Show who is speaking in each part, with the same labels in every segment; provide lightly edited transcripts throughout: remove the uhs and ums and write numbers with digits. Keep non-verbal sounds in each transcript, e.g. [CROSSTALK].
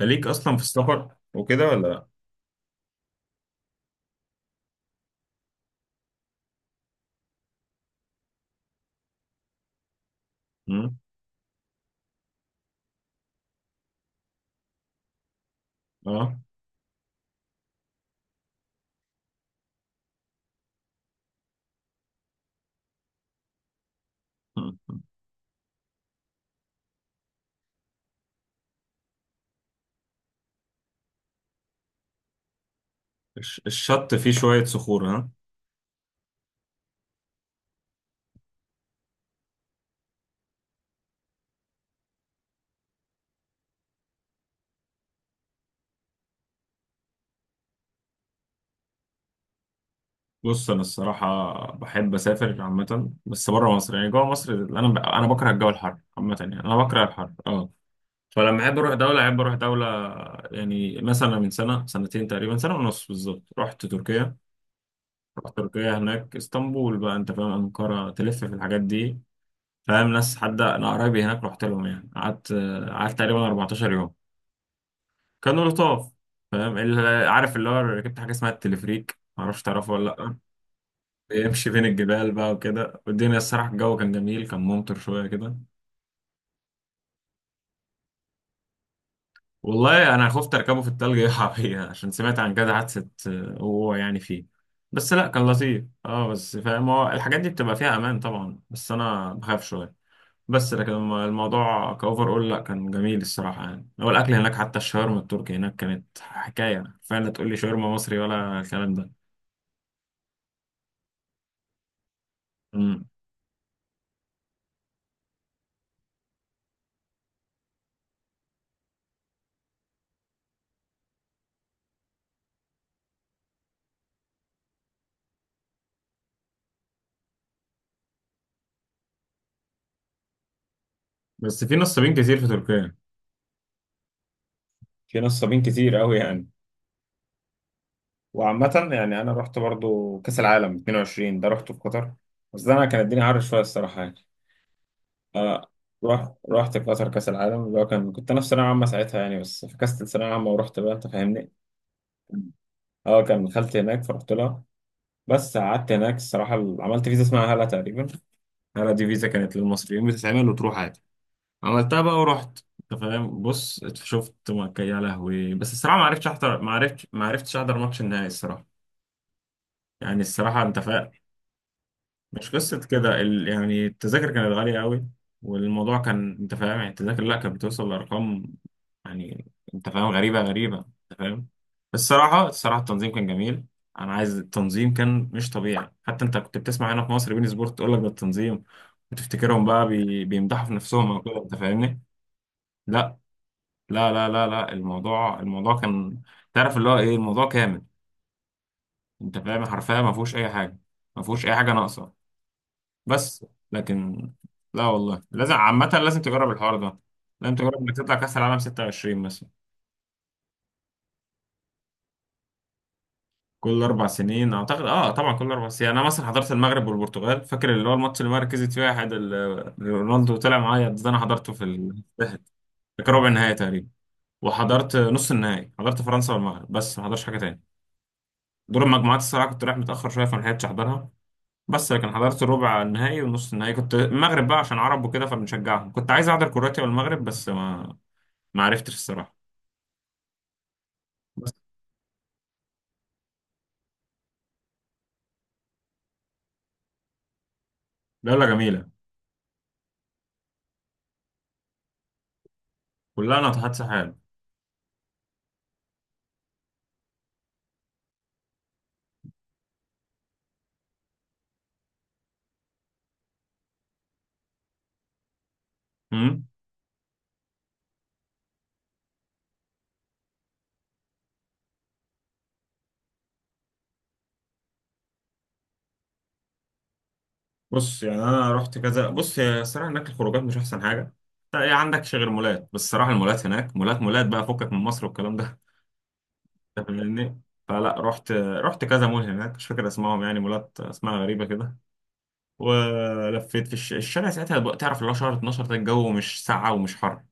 Speaker 1: خليك اصلا في السفر وكده ولا لا؟ مم؟ اه. مم. الشط فيه شويه صخور، ها؟ بص، انا الصراحه بحب اسافر عامه بس بره مصر، يعني جوه مصر انا بكره الجو الحر عامه، يعني انا بكره الحر، اه. فلما احب اروح دوله احب اروح دوله. يعني مثلا من سنه سنتين تقريبا، سنه ونص بالظبط، رحت تركيا. هناك اسطنبول بقى انت فاهم، انقره، تلف في الحاجات دي. فاهم ناس، حد انا قرايبي هناك رحت لهم، يعني قعدت تقريبا 14 يوم. كانوا لطاف. فاهم اللي عارف اللي هو ركبت حاجه اسمها التلفريك، معرفش تعرفه ولا لا. بيمشي بين الجبال بقى وكده، والدنيا الصراحه الجو كان جميل، كان ممطر شويه كده. والله انا خفت اركبه في التلج يقع بيا [LAUGHS] عشان سمعت عن كذا حادثه، وهو يعني فيه. بس لا، كان لطيف، بس فاهم هو الحاجات دي بتبقى فيها امان طبعا، بس انا بخاف شويه. بس لكن الموضوع كاوفر اول، لا كان جميل الصراحه. يعني هو الاكل هناك، حتى الشاورما التركي هناك كانت حكايه فعلا، تقول لي شاورما مصري ولا الكلام ده؟ بس في نصابين كتير في تركيا، في نصابين كتير قوي يعني. وعامة يعني أنا رحت برضو كأس العالم 22، ده رحته في قطر. بس ده أنا كان الدنيا عارف شوية الصراحة يعني. أنا رحت قطر كأس العالم، اللي هو كنت أنا في ثانوية عامة ساعتها يعني، بس فكست ثانوية عامة ورحت بقى، أنت فاهمني؟ أه، كان خالتي هناك فرحت لها. بس قعدت هناك الصراحة، عملت فيزا اسمها هلا تقريبا. هلا دي فيزا كانت للمصريين بتتعمل وتروح عادي. عملتها بقى ورحت. انت فاهم، بص شفت مكة، يا لهوي. بس الصراحه ما عرفتش احضر، ما عرفتش احضر ماتش النهائي الصراحه. يعني الصراحه انت فاهم. مش قصه كده، يعني التذاكر كانت غاليه قوي. والموضوع كان انت فاهم، يعني التذاكر لا كانت بتوصل لارقام، يعني انت فاهم، غريبه غريبه، انت فاهم. بس الصراحه الصراحه التنظيم كان جميل. انا عايز التنظيم كان مش طبيعي، حتى انت كنت بتسمع هنا في مصر بين سبورت تقول لك ده التنظيم، وتفتكرهم بقى بيمدحوا في نفسهم او كده، انت فاهمني؟ لا لا لا لا لا، الموضوع كان تعرف اللي هو ايه، الموضوع كامل انت فاهم، حرفيا ما فيهوش اي حاجه، ما فيهوش اي حاجه ناقصه. بس لكن لا والله، لازم عامه لازم تجرب الحوار ده، لازم تجرب انك تطلع كاس العالم 26 مثلا. كل اربع سنين اعتقد، اه طبعا كل اربع سنين. انا مثلا حضرت المغرب والبرتغال، فاكر اللي هو الماتش اللي مركزت فيها حد رونالدو طلع معايا، ده انا حضرته في في ربع النهائي تقريبا. وحضرت نص النهائي، حضرت فرنسا والمغرب، بس ما حضرتش حاجه تاني. دور المجموعات الصراحة كنت رايح متأخر شوية، فما لحقتش أحضرها. بس لكن حضرت الربع النهائي والنص النهائي، كنت المغرب بقى عشان عرب وكده فبنشجعهم، كنت عايز أحضر كرواتيا والمغرب بس ما عرفتش الصراحة. بس دولة جميلة، كلها ناطحات سحاب. أمم. بص يعني أنا رحت كذا، بص هي الصراحة هناك الخروجات مش أحسن حاجة، يعني عندك غير مولات. بس الصراحة المولات هناك مولات مولات بقى، فكك من مصر والكلام ده [LAUGHS] أنت فاهمني؟ فلا، رحت كذا مول هناك، مش فاكر اسمائهم، يعني مولات اسمها غريبة كده. ولفيت في الشارع ساعتها بقى، تعرف اللي هو شهر 12 ده الجو مش ساقعة ومش حر.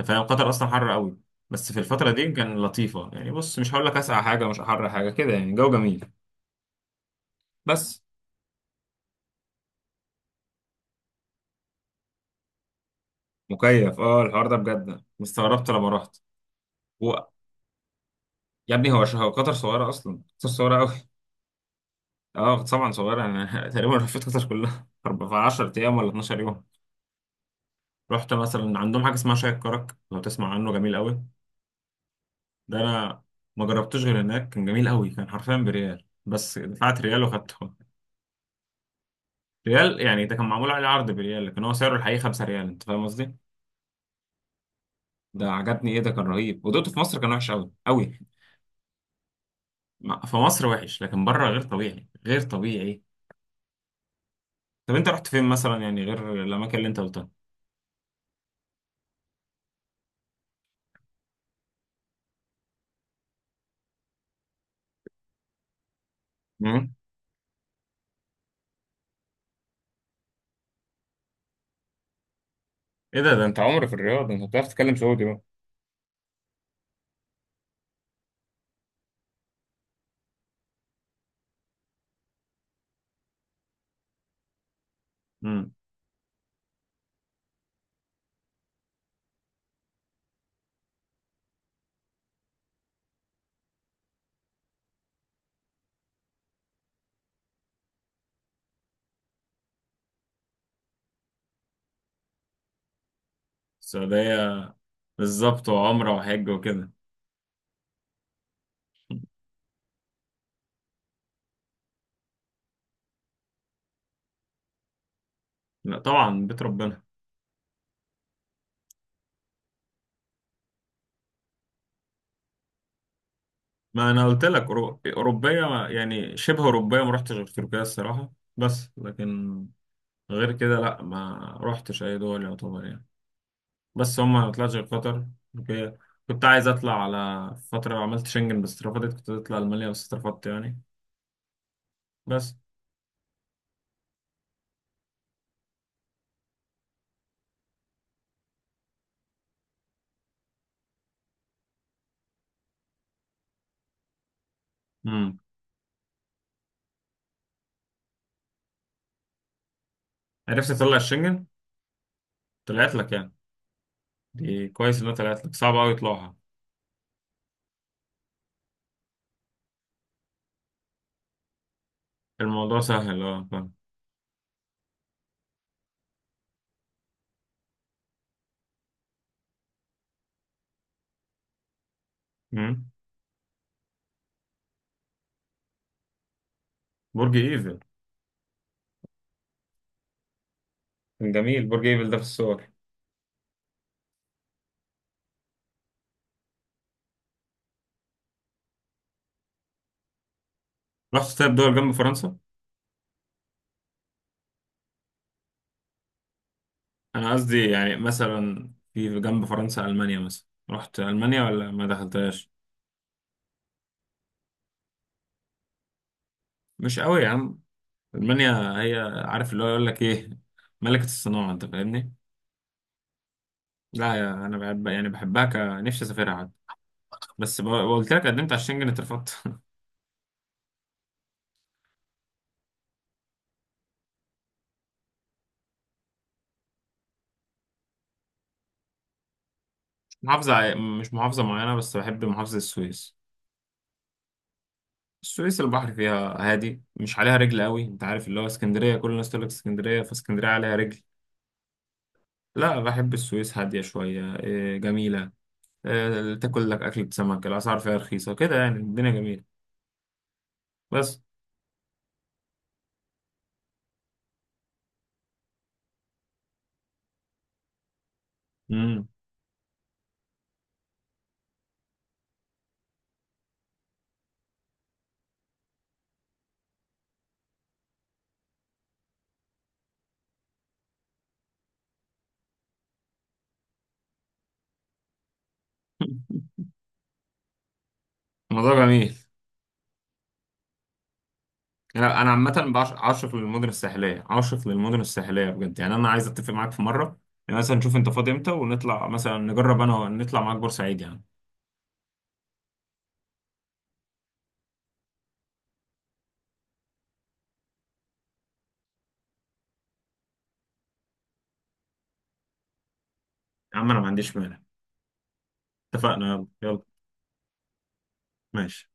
Speaker 1: انت فاهم قطر اصلا حر قوي، بس في الفترة دي كان لطيفة، يعني بص مش هقول لك اسقع حاجة مش حر، حاجة كده يعني جو جميل. بس مكيف، الحوار ده بجد استغربت لما رحت. و... يا ابني هو قطر صغيرة اصلا، قطر صغيرة قوي. اه طبعا صغيرة. انا [LAUGHS] تقريبا لفيت قطر كلها [LAUGHS] في 10 ايام ولا 12 يوم. رحت مثلا عندهم حاجة اسمها شاي الكرك، لو تسمع عنه، جميل قوي. ده انا ما جربتوش غير هناك، كان جميل قوي، كان حرفيا بريال، بس دفعت ريال وخدته. ريال يعني، ده كان معمول عليه عرض بريال، لكن هو سعره الحقيقي 5 ريال، انت فاهم قصدي. ده عجبني، ايه ده، كان رهيب. ودقته في مصر كان وحش قوي قوي. في مصر وحش، لكن بره غير طبيعي، غير طبيعي. طب انت رحت فين مثلا، يعني غير الاماكن اللي انت قلتها؟ مم. ايه ده انت عمري في الرياض، انت بتعرف تتكلم سعودي بقى؟ امم. السعوديه. بالظبط، وعمره وحج وكده. لا طبعا، بيت ربنا. ما انا قلت لك، اوروبيه، يعني شبه اوروبيه ما رحتش غير تركيا الصراحه. بس لكن غير كده لا، ما رحتش اي دول يعتبر يعني. بس هم ما طلعتش غير قطر، تركيا. كنت عايز اطلع على فتره، عملت شنجن بس اترفضت، كنت اطلع المانيا بس اترفضت يعني. بس. امم. عرفت اطلع الشنجن، طلعت لك يعني. دي كويس انها طلعت لك، صعب قوي يطلعها. الموضوع سهل، اه فاهم. أمم. برج ايفل، كان جميل برج ايفل ده في الصور. رحت طيب دول جنب فرنسا؟ انا قصدي يعني مثلا في جنب فرنسا، المانيا مثلا، رحت المانيا ولا ما دخلتهاش؟ مش قوي يا عم. المانيا هي، عارف اللي هو يقول لك ايه، ملكة الصناعة، انت فاهمني. لا يا، انا بحب يعني بحبها، ك نفسي اسافرها حتى، بس قلت لك قدمت على الشنجن اترفضت [LAUGHS] مش محافظة معينة، بس بحب محافظة السويس. السويس البحر فيها هادي، مش عليها رجل قوي. انت عارف اللي هو اسكندرية كل الناس تقول لك اسكندرية، فاسكندرية عليها رجل. لا، بحب السويس، هادية شوية، جميلة. تاكل لك أكلة سمك، الأسعار فيها رخيصة كده، يعني الدنيا جميلة. بس. مم. [LAUGHS] الموضوع جميل. لا أنا عامة عاشق للمدن الساحلية، عاشق للمدن الساحلية بجد، يعني أنا عايز أتفق معاك في مرة. يعني مثلا نشوف أنت فاضي إمتى، ونطلع مثلا نجرب، أنا نطلع معاك بورسعيد يعني. يا عم أنا ما عنديش مانع. اتفقنا، يلا يلا. ماشي.